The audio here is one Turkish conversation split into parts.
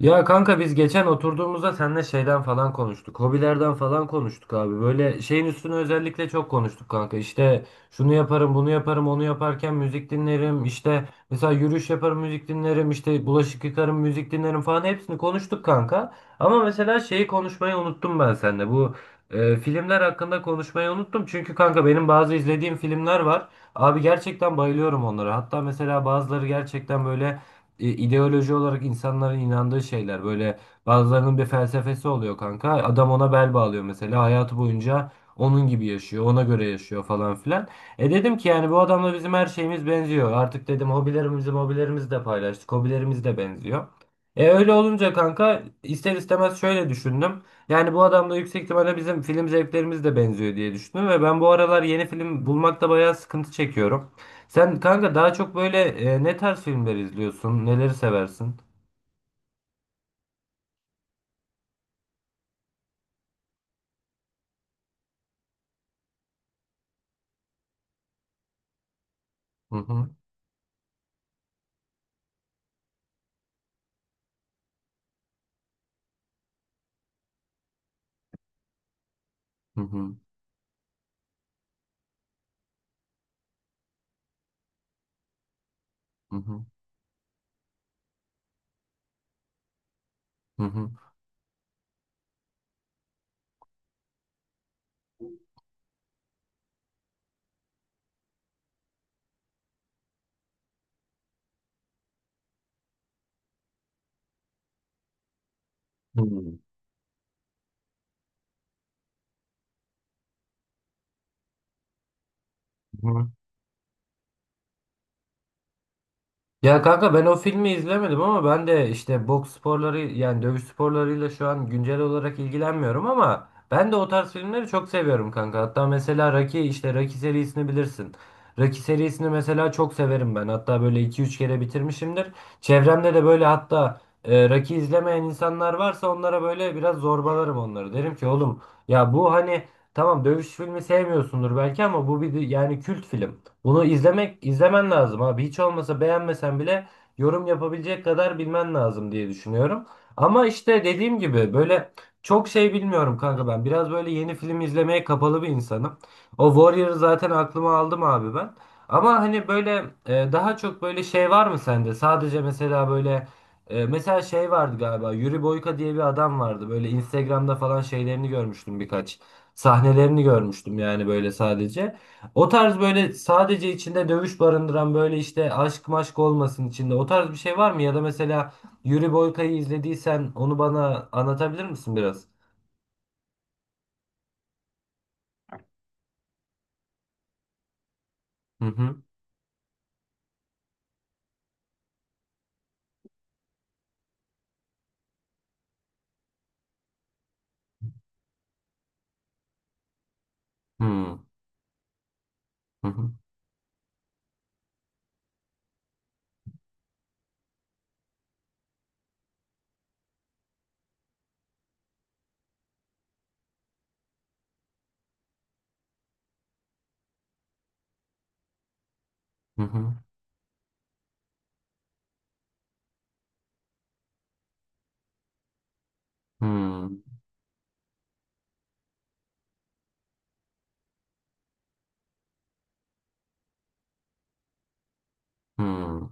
Ya kanka biz geçen oturduğumuzda seninle şeyden falan konuştuk. Hobilerden falan konuştuk abi. Böyle şeyin üstüne özellikle çok konuştuk kanka. İşte şunu yaparım, bunu yaparım, onu yaparken müzik dinlerim. İşte mesela yürüyüş yaparım, müzik dinlerim. İşte bulaşık yıkarım, müzik dinlerim falan hepsini konuştuk kanka. Ama mesela şeyi konuşmayı unuttum ben seninle. Bu filmler hakkında konuşmayı unuttum. Çünkü kanka benim bazı izlediğim filmler var. Abi gerçekten bayılıyorum onlara. Hatta mesela bazıları gerçekten böyle ideoloji olarak insanların inandığı şeyler. Böyle bazılarının bir felsefesi oluyor kanka. Adam ona bel bağlıyor mesela. Hayatı boyunca onun gibi yaşıyor. Ona göre yaşıyor falan filan. E dedim ki yani bu adamla bizim her şeyimiz benziyor. Artık dedim hobilerimizi de paylaştık. Hobilerimiz de benziyor. E öyle olunca kanka ister istemez şöyle düşündüm. Yani bu adamla yüksek ihtimalle bizim film zevklerimiz de benziyor diye düşündüm ve ben bu aralar yeni film bulmakta bayağı sıkıntı çekiyorum. Sen kanka daha çok böyle ne tarz filmler izliyorsun? Neleri seversin? Hı hı. Hı hı. Hı hı. Hı hı. Hı hı. Ya kanka ben o filmi izlemedim ama ben de işte boks sporları yani dövüş sporlarıyla şu an güncel olarak ilgilenmiyorum ama ben de o tarz filmleri çok seviyorum kanka. Hatta mesela Rocky işte Rocky serisini bilirsin. Rocky serisini mesela çok severim ben. Hatta böyle iki üç kere bitirmişimdir. Çevremde de böyle hatta Rocky izlemeyen insanlar varsa onlara böyle biraz zorbalarım onları. Derim ki oğlum ya bu hani tamam dövüş filmi sevmiyorsundur belki ama bu bir yani kült film. Bunu izlemen lazım abi. Hiç olmasa beğenmesen bile yorum yapabilecek kadar bilmen lazım diye düşünüyorum. Ama işte dediğim gibi böyle çok şey bilmiyorum kanka ben. Biraz böyle yeni film izlemeye kapalı bir insanım. O Warrior'ı zaten aklıma aldım abi ben. Ama hani böyle daha çok böyle şey var mı sende? Sadece mesela böyle mesela şey vardı galiba. Yuri Boyka diye bir adam vardı. Böyle Instagram'da falan şeylerini görmüştüm birkaç. Sahnelerini görmüştüm yani böyle sadece. O tarz böyle sadece içinde dövüş barındıran böyle işte aşk maşk olmasın içinde. O tarz bir şey var mı? Ya da mesela Yuri Boyka'yı izlediysen onu bana anlatabilir misin biraz? Hı hı. Hı hı. Hı hı. Hı hı. Hı hı.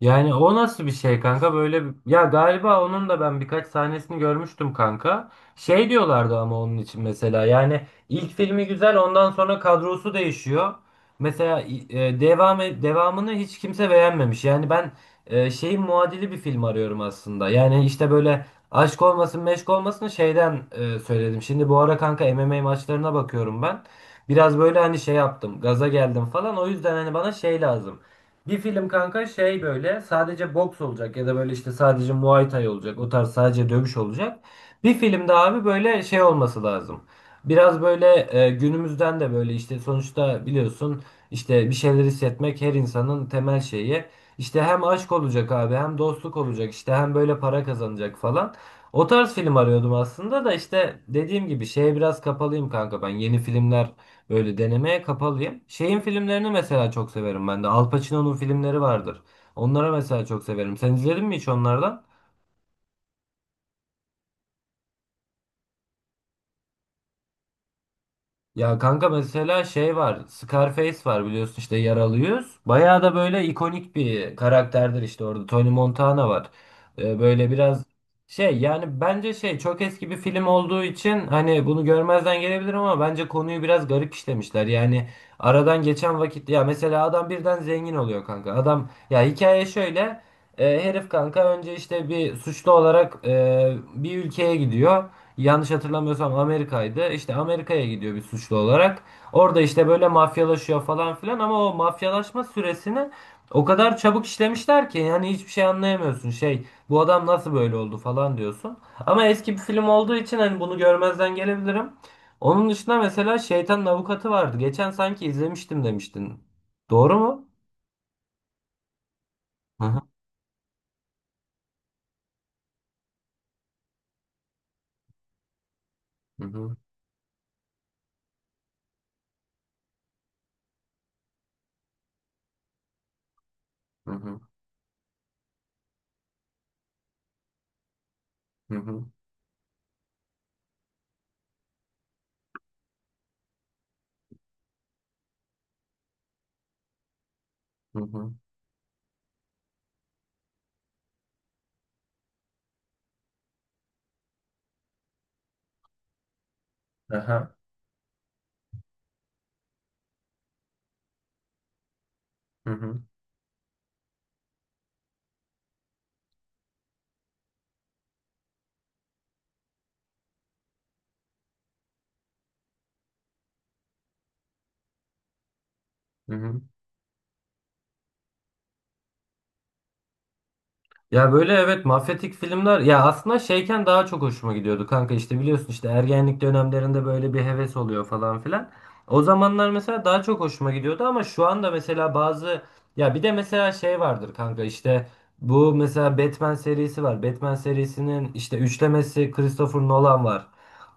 Yani o nasıl bir şey kanka böyle ya galiba onun da ben birkaç sahnesini görmüştüm kanka. Şey diyorlardı ama onun için mesela yani ilk filmi güzel ondan sonra kadrosu değişiyor. Mesela devamını hiç kimse beğenmemiş. Yani ben şeyin muadili bir film arıyorum aslında. Yani işte böyle aşk olmasın meşk olmasın şeyden söyledim. Şimdi bu ara kanka MMA maçlarına bakıyorum ben. Biraz böyle hani şey yaptım gaza geldim falan o yüzden hani bana şey lazım. Bir film kanka şey böyle sadece boks olacak ya da böyle işte sadece Muay Thai olacak. O tarz sadece dövüş olacak. Bir filmde abi böyle şey olması lazım. Biraz böyle günümüzden de böyle işte sonuçta biliyorsun işte bir şeyler hissetmek her insanın temel şeyi. İşte hem aşk olacak abi hem dostluk olacak işte hem böyle para kazanacak falan. O tarz film arıyordum aslında da işte dediğim gibi şeye biraz kapalıyım kanka ben yeni filmler böyle denemeye kapalıyım. Şeyin filmlerini mesela çok severim ben de. Al Pacino'nun filmleri vardır. Onlara mesela çok severim. Sen izledin mi hiç onlardan? Ya kanka mesela şey var. Scarface var biliyorsun işte yaralıyız. Bayağı da böyle ikonik bir karakterdir işte orada. Tony Montana var. Böyle biraz şey yani bence şey çok eski bir film olduğu için hani bunu görmezden gelebilir ama bence konuyu biraz garip işlemişler. Yani aradan geçen vakit ya mesela adam birden zengin oluyor kanka. Adam ya hikaye şöyle. Herif kanka önce işte bir suçlu olarak bir ülkeye gidiyor yanlış hatırlamıyorsam Amerika'ydı. İşte Amerika'ya gidiyor bir suçlu olarak. Orada işte böyle mafyalaşıyor falan filan ama o mafyalaşma süresini o kadar çabuk işlemişler ki yani hiçbir şey anlayamıyorsun. Şey bu adam nasıl böyle oldu falan diyorsun. Ama eski bir film olduğu için hani bunu görmezden gelebilirim. Onun dışında mesela Şeytanın Avukatı vardı. Geçen sanki izlemiştim demiştin. Doğru mu? Hı hı. Hı hı, hı hı, hı hı, hı hı. Aha, hı hı, hı hı. Ya böyle evet mafyatik filmler ya aslında şeyken daha çok hoşuma gidiyordu kanka işte biliyorsun işte ergenlik dönemlerinde böyle bir heves oluyor falan filan. O zamanlar mesela daha çok hoşuma gidiyordu ama şu anda mesela bazı ya bir de mesela şey vardır kanka işte bu mesela Batman serisi var. Batman serisinin işte üçlemesi Christopher Nolan var.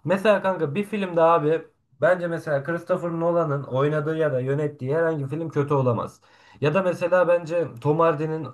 Mesela kanka bir filmde abi bence mesela Christopher Nolan'ın oynadığı ya da yönettiği herhangi bir film kötü olamaz. Ya da mesela bence Tom Hardy'nin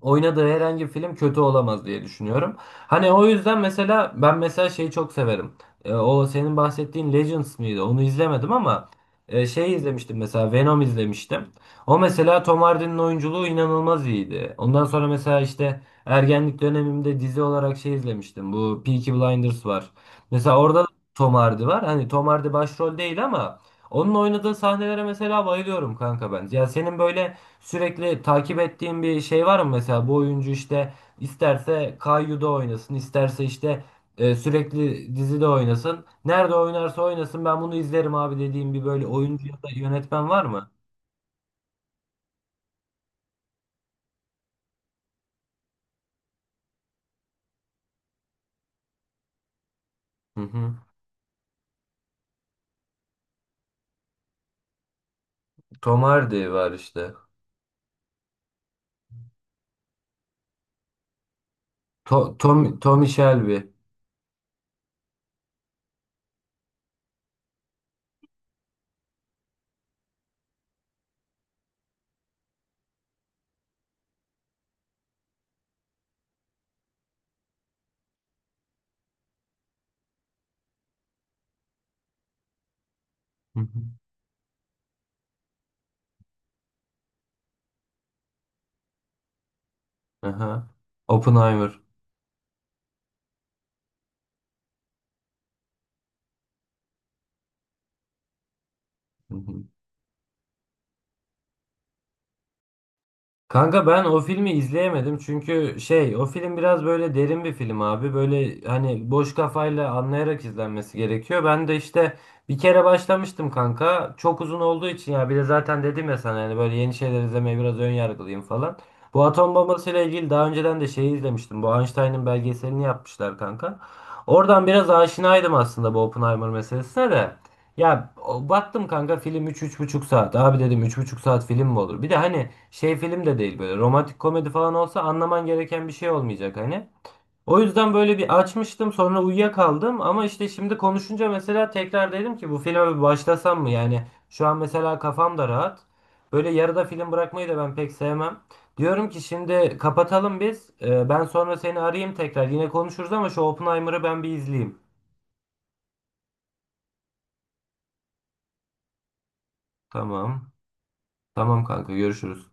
oynadığı herhangi bir film kötü olamaz diye düşünüyorum. Hani o yüzden mesela ben mesela şeyi çok severim. E, o senin bahsettiğin Legends miydi? Onu izlemedim ama şey izlemiştim mesela Venom izlemiştim. O mesela Tom Hardy'nin oyunculuğu inanılmaz iyiydi. Ondan sonra mesela işte ergenlik dönemimde dizi olarak şey izlemiştim. Bu Peaky Blinders var. Mesela orada da Tom Hardy var. Hani Tom Hardy başrol değil ama onun oynadığı sahnelere mesela bayılıyorum kanka ben. Ya senin böyle sürekli takip ettiğin bir şey var mı mesela bu oyuncu işte isterse Kayyu'da oynasın, isterse işte sürekli dizide oynasın. Nerede oynarsa oynasın ben bunu izlerim abi dediğim bir böyle oyuncu ya da yönetmen var mı? Hı hı. Tom Hardy var işte. To Tom Tommy Shelby. Hı hı. Aha. Oppenheimer. Hı hı. Kanka ben o filmi izleyemedim çünkü şey o film biraz böyle derin bir film abi. Böyle hani boş kafayla anlayarak izlenmesi gerekiyor. Ben de işte bir kere başlamıştım kanka. Çok uzun olduğu için ya bir de zaten dedim ya sana yani böyle yeni şeyler izlemeye biraz ön yargılıyım falan. Bu atom bombasıyla ilgili daha önceden de şeyi izlemiştim. Bu Einstein'ın belgeselini yapmışlar kanka. Oradan biraz aşinaydım aslında bu Oppenheimer meselesine de. Baktım kanka film üç üç buçuk saat. Abi dedim üç buçuk saat film mi olur? Bir de hani şey film de değil böyle romantik komedi falan olsa anlaman gereken bir şey olmayacak hani. O yüzden böyle bir açmıştım sonra uyuyakaldım ama işte şimdi konuşunca mesela tekrar dedim ki bu filme bir başlasam mı? Yani şu an mesela kafam da rahat. Böyle yarıda film bırakmayı da ben pek sevmem. Diyorum ki şimdi kapatalım biz. Ben sonra seni arayayım tekrar. Yine konuşuruz ama şu Oppenheimer'ı ben bir izleyeyim. Tamam. Tamam kanka görüşürüz.